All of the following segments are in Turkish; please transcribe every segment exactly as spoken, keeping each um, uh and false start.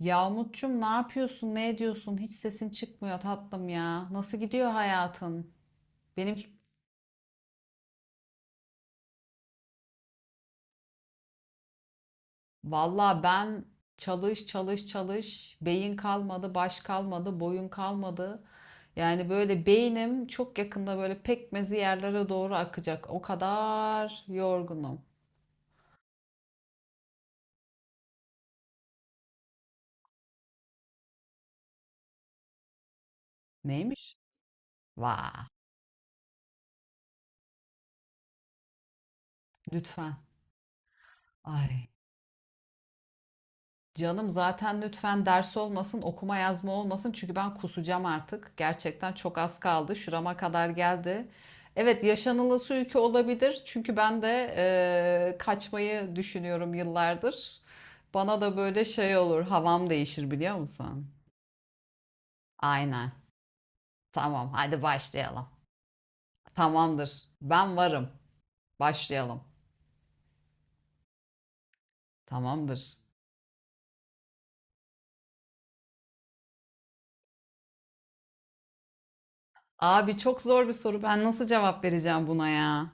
Yahmutçum ne yapıyorsun? Ne ediyorsun? Hiç sesin çıkmıyor tatlım ya. Nasıl gidiyor hayatın? Benimki valla ben çalış çalış çalış. Beyin kalmadı, baş kalmadı, boyun kalmadı. Yani böyle beynim çok yakında böyle pekmezi yerlere doğru akacak. O kadar yorgunum. Neymiş? Vah. Lütfen. Ay. Canım zaten lütfen ders olmasın, okuma yazma olmasın çünkü ben kusacağım artık. Gerçekten çok az kaldı. Şurama kadar geldi. Evet, yaşanılası ülke olabilir. Çünkü ben de eee, kaçmayı düşünüyorum yıllardır. Bana da böyle şey olur, havam değişir biliyor musun? Aynen. Tamam, hadi başlayalım. Tamamdır. Ben varım. Başlayalım. Tamamdır. Abi çok zor bir soru. Ben nasıl cevap vereceğim buna ya?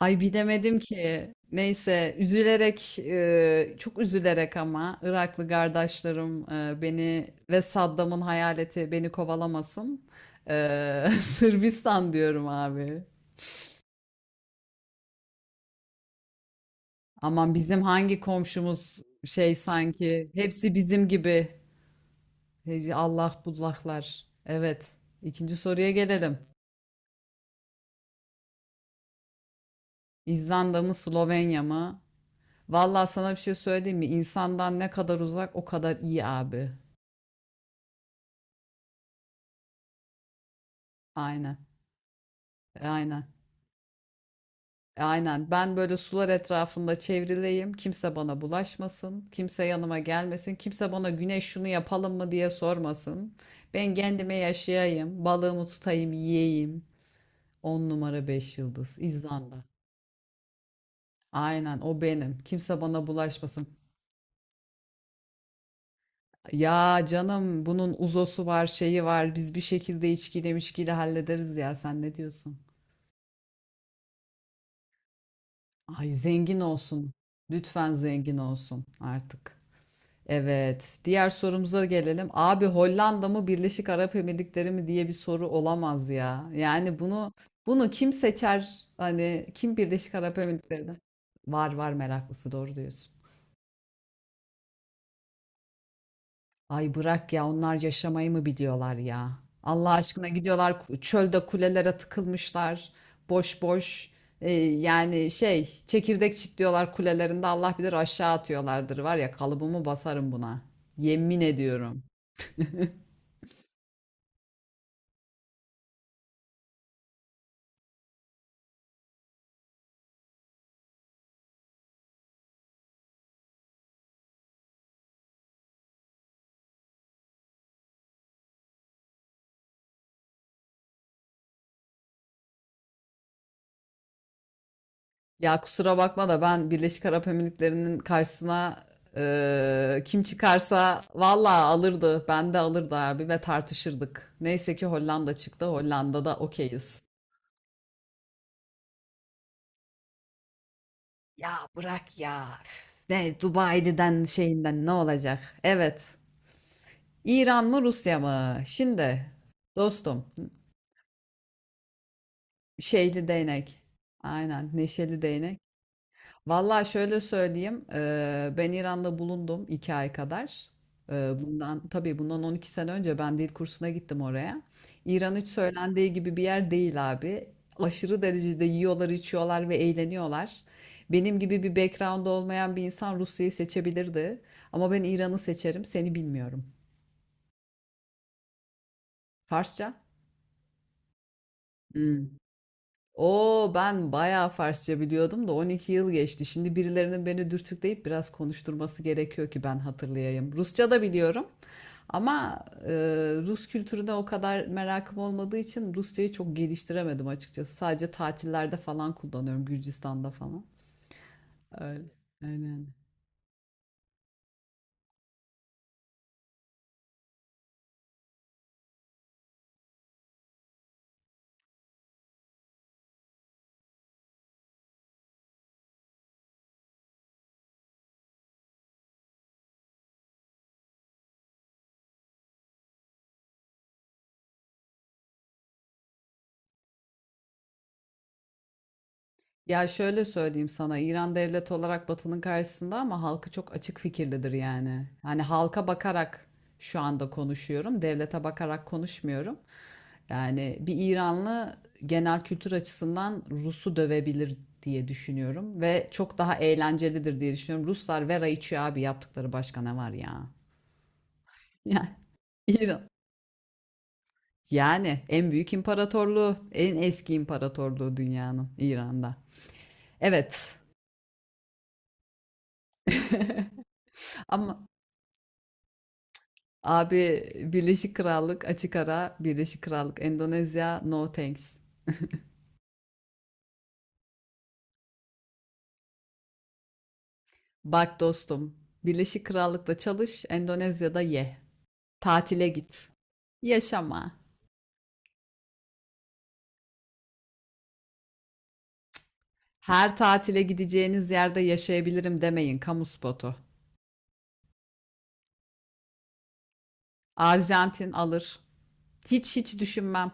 Ay bilemedim ki. Neyse üzülerek e, çok üzülerek ama Iraklı kardeşlerim e, beni ve Saddam'ın hayaleti beni kovalamasın. E, Sırbistan diyorum abi. Aman bizim hangi komşumuz şey sanki hepsi bizim gibi. Hey, Allah bullaklar. Evet. İkinci soruya gelelim. İzlanda mı Slovenya mı? Vallahi sana bir şey söyleyeyim mi? İnsandan ne kadar uzak o kadar iyi abi. Aynen. Aynen. Aynen. Ben böyle sular etrafında çevrileyim. Kimse bana bulaşmasın. Kimse yanıma gelmesin. Kimse bana güneş şunu yapalım mı diye sormasın. Ben kendime yaşayayım. Balığımı tutayım, yiyeyim. On numara beş yıldız. İzlanda. Aynen o benim. Kimse bana bulaşmasın. Ya canım bunun uzosu var, şeyi var. Biz bir şekilde içkiyle mişkiyle hallederiz ya. Sen ne diyorsun? Ay zengin olsun. Lütfen zengin olsun artık. Evet. Diğer sorumuza gelelim. Abi Hollanda mı Birleşik Arap Emirlikleri mi diye bir soru olamaz ya. Yani bunu bunu kim seçer? Hani kim Birleşik Arap Emirlikleri'den? Var var meraklısı, doğru diyorsun. Ay bırak ya, onlar yaşamayı mı biliyorlar ya? Allah aşkına gidiyorlar, ku- çölde kulelere tıkılmışlar. Boş boş e, yani şey, çekirdek çitliyorlar kulelerinde, Allah bilir aşağı atıyorlardır, var ya, kalıbımı basarım buna. Yemin ediyorum. Ya kusura bakma da ben Birleşik Arap Emirlikleri'nin karşısına eee, kim çıkarsa vallahi alırdı. Ben de alırdı abi ve tartışırdık. Neyse ki Hollanda çıktı. Hollanda'da okeyiz. Ya bırak ya. Üf, ne Dubai'den şeyinden ne olacak? Evet. İran mı Rusya mı? Şimdi dostum, şeyli değnek. Aynen, neşeli değnek. Vallahi şöyle söyleyeyim, eee, ben İran'da bulundum iki ay kadar. Eee, Bundan tabii bundan on iki sene önce ben dil kursuna gittim oraya. İran hiç söylendiği gibi bir yer değil abi. Aşırı derecede yiyorlar, içiyorlar ve eğleniyorlar. Benim gibi bir background olmayan bir insan Rusya'yı seçebilirdi. Ama ben İran'ı seçerim, seni bilmiyorum. Farsça? Hmm. Oo, ben bayağı Farsça biliyordum da on iki yıl geçti. Şimdi birilerinin beni dürtükleyip biraz konuşturması gerekiyor ki ben hatırlayayım. Rusça da biliyorum ama e, Rus kültürüne o kadar merakım olmadığı için Rusçayı çok geliştiremedim açıkçası. Sadece tatillerde falan kullanıyorum, Gürcistan'da falan. Öyle. Aynen. Ya şöyle söyleyeyim sana, İran devlet olarak Batı'nın karşısında ama halkı çok açık fikirlidir yani. Hani halka bakarak şu anda konuşuyorum, devlete bakarak konuşmuyorum. Yani bir İranlı genel kültür açısından Rus'u dövebilir diye düşünüyorum ve çok daha eğlencelidir diye düşünüyorum. Ruslar vera içiyor abi, yaptıkları başka ne var ya? Yani İran. Yani en büyük imparatorluğu, en eski imparatorluğu dünyanın İran'da. Evet. Ama abi, Birleşik Krallık açık ara Birleşik Krallık, Endonezya no thanks. Bak dostum, Birleşik Krallık'ta çalış, Endonezya'da ye. Tatile git. Yaşama. Her tatile gideceğiniz yerde yaşayabilirim demeyin, kamu spotu. Arjantin alır. Hiç hiç düşünmem.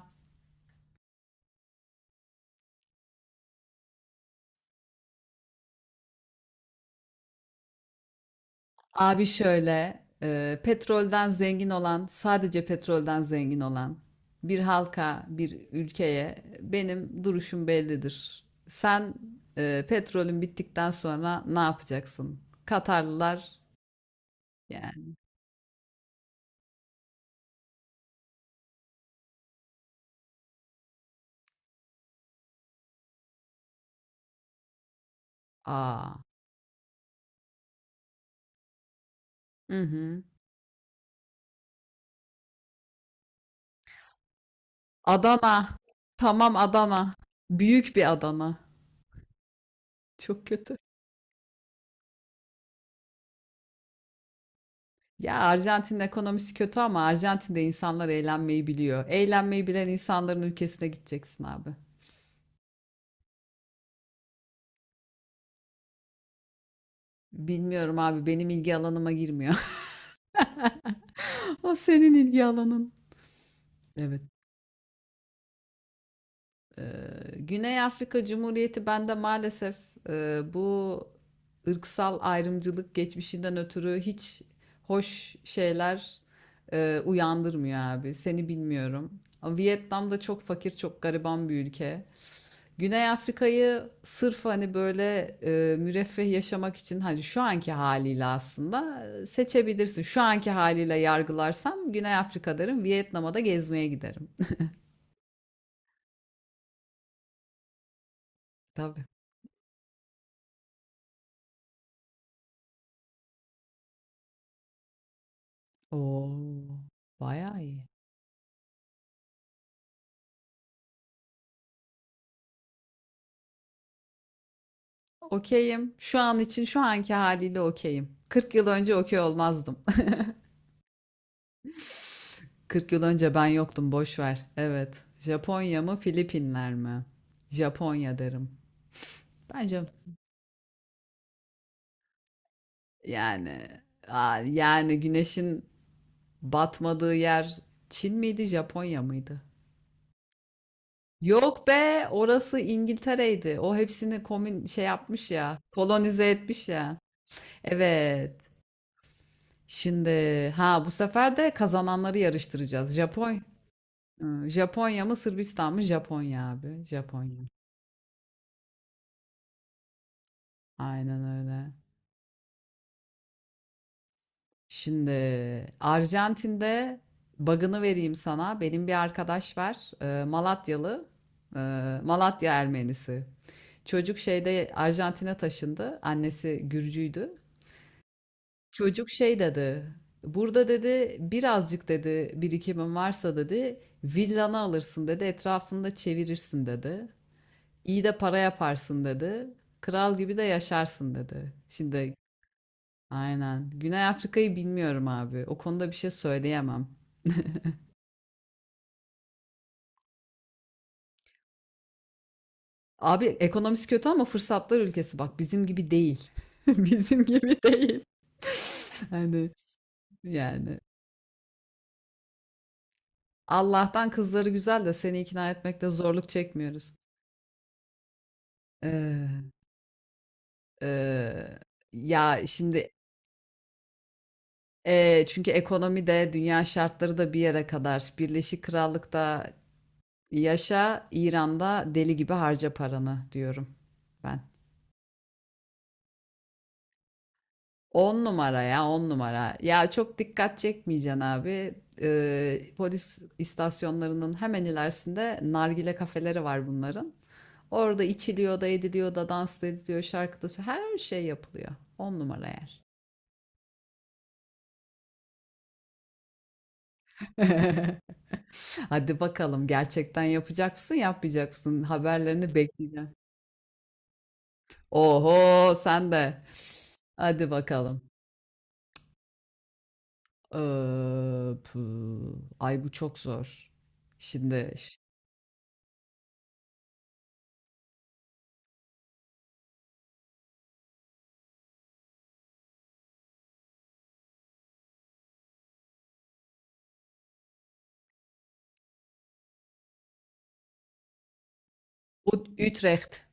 Abi şöyle, e, petrolden zengin olan, sadece petrolden zengin olan bir halka, bir ülkeye benim duruşum bellidir. Sen e, petrolün bittikten sonra ne yapacaksın? Katarlılar yani. Aa. Hı hı. Adana. Tamam, Adana. Büyük bir Adana. Çok kötü. Ya Arjantin'in ekonomisi kötü ama Arjantin'de insanlar eğlenmeyi biliyor. Eğlenmeyi bilen insanların ülkesine gideceksin abi. Bilmiyorum abi, benim ilgi alanıma girmiyor. O senin ilgi alanın. Evet. Ee, Güney Afrika Cumhuriyeti bende maalesef e, bu ırksal ayrımcılık geçmişinden ötürü hiç hoş şeyler e, uyandırmıyor abi. Seni bilmiyorum. Ama Vietnam da çok fakir, çok gariban bir ülke. Güney Afrika'yı sırf hani böyle e, müreffeh yaşamak için, hani şu anki haliyle aslında e, seçebilirsin. Şu anki haliyle yargılarsam Güney Afrika derim, Vietnam'a da gezmeye giderim. Tabii. Oo, bayağı iyi. Okeyim. Şu an için şu anki haliyle okeyim. kırk yıl önce okey olmazdım. kırk yıl önce ben yoktum, boş ver. Evet. Japonya mı, Filipinler mi? Japonya derim. Bence yani Aa, yani güneşin batmadığı yer Çin miydi, Japonya mıydı? Yok be, orası İngiltere'ydi. O hepsini komün şey yapmış ya, kolonize etmiş ya. Evet. Şimdi, ha, bu sefer de kazananları yarıştıracağız. Japon Hı, Japonya mı Sırbistan mı? Japonya abi. Japonya. Aynen öyle. Şimdi Arjantin'de bug'ını vereyim sana. Benim bir arkadaş var. e, Malatyalı. e, Malatya Ermenisi. Çocuk şeyde Arjantin'e taşındı. Annesi Gürcüydü. Çocuk şey dedi. Burada dedi birazcık dedi birikimin varsa dedi villanı alırsın dedi etrafında çevirirsin dedi. İyi de para yaparsın dedi. Kral gibi de yaşarsın dedi. Şimdi aynen. Güney Afrika'yı bilmiyorum abi. O konuda bir şey söyleyemem. Abi ekonomisi kötü ama fırsatlar ülkesi, bak bizim gibi değil. Bizim gibi değil. Hani, yani, Allah'tan kızları güzel de seni ikna etmekte zorluk çekmiyoruz. Eee, eee, ya şimdi eee, çünkü ekonomi de dünya şartları da bir yere kadar. Birleşik Krallık'ta yaşa, İran'da deli gibi harca paranı diyorum ben. On numara ya, on numara. Ya çok dikkat çekmeyeceksin abi. Eee, polis istasyonlarının hemen ilerisinde nargile kafeleri var bunların. Orada içiliyor da ediliyor da, dans ediliyor, şarkıda da her şey yapılıyor. On numara yer. Hadi bakalım, gerçekten yapacak mısın yapmayacak mısın? Haberlerini bekleyeceğim. Oho, sen de. Hadi bakalım. Ee, pü. Ay, bu çok zor. Şimdi ş- Ut- Utrecht.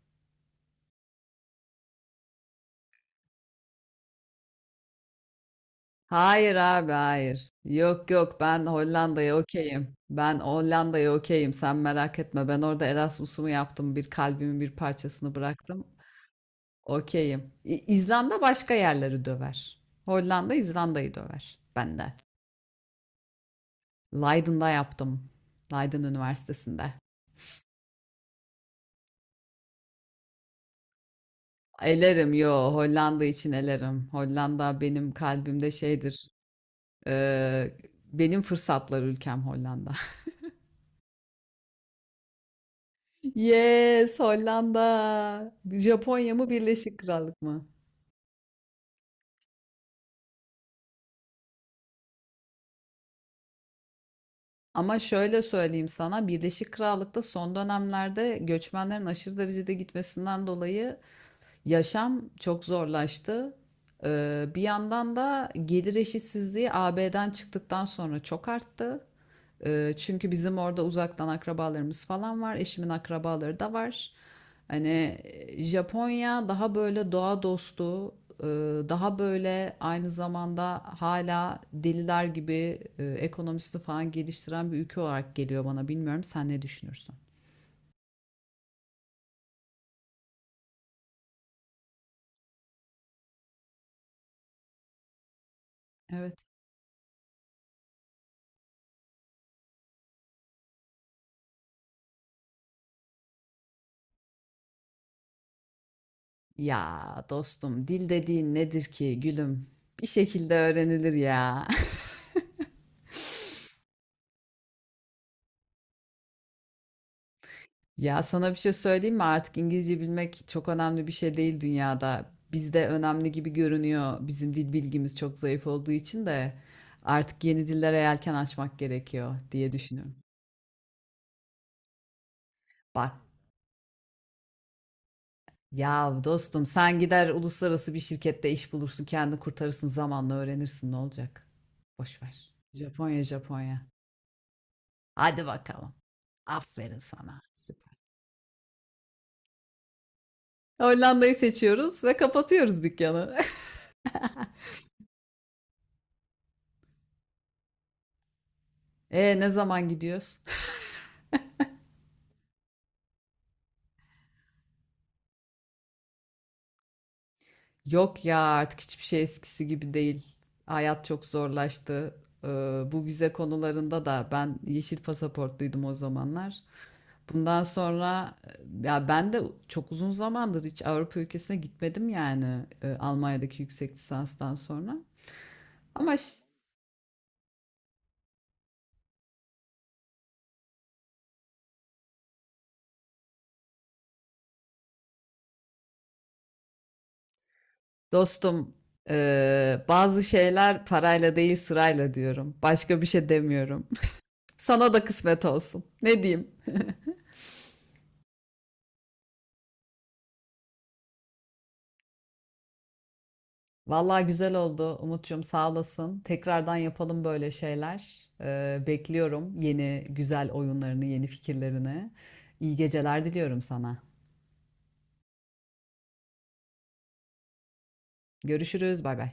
Hayır abi, hayır. Yok yok, ben Hollanda'ya okeyim. Ben Hollanda'ya okeyim. Sen merak etme. Ben orada Erasmus'umu yaptım. Bir kalbimin bir parçasını bıraktım. Okeyim. İ- İzlanda başka yerleri döver. Hollanda İzlanda'yı döver. Ben de. Leiden'da yaptım. Leiden Üniversitesi'nde. Elerim, yo, Hollanda için elerim. Hollanda benim kalbimde şeydir. Ee, benim fırsatlar ülkem Hollanda. Yes, Hollanda. Japonya mı Birleşik Krallık mı? Ama şöyle söyleyeyim sana, Birleşik Krallık'ta son dönemlerde göçmenlerin aşırı derecede gitmesinden dolayı yaşam çok zorlaştı. Ee, bir yandan da gelir eşitsizliği A B'den çıktıktan sonra çok arttı. Ee, çünkü bizim orada uzaktan akrabalarımız falan var. Eşimin akrabaları da var. Hani e, Japonya daha böyle doğa dostu, e, daha böyle aynı zamanda hala deliler gibi ekonomisi falan geliştiren bir ülke olarak geliyor bana. Bilmiyorum, sen ne düşünürsün? Evet. Ya dostum, dil dediğin nedir ki gülüm? Bir şekilde öğrenilir ya. Ya, sana bir şey söyleyeyim mi? Artık İngilizce bilmek çok önemli bir şey değil dünyada. Bizde önemli gibi görünüyor. Bizim dil bilgimiz çok zayıf olduğu için de artık yeni dillere yelken açmak gerekiyor diye düşünüyorum. Bak ya dostum, sen gider uluslararası bir şirkette iş bulursun, kendini kurtarırsın, zamanla öğrenirsin, ne olacak? Boş ver. Japonya, Japonya. Hadi bakalım. Aferin sana. Hollanda'yı seçiyoruz ve kapatıyoruz dükkanı. E, ne zaman gidiyoruz? Yok ya, artık hiçbir şey eskisi gibi değil. Hayat çok zorlaştı. Ee, bu vize konularında da ben yeşil pasaportluydum o zamanlar. Bundan sonra e, ya ben de çok uzun zamandır hiç Avrupa ülkesine gitmedim yani, e, Almanya'daki yüksek lisanstan sonra. Ama ş- dostum, e, bazı şeyler parayla değil sırayla diyorum. Başka bir şey demiyorum. Sana da kısmet olsun. Ne diyeyim? Vallahi güzel oldu Umut'cum, sağ olasın. Tekrardan yapalım böyle şeyler. Ee, bekliyorum yeni güzel oyunlarını, yeni fikirlerini. İyi geceler diliyorum sana. Görüşürüz. Bay bay.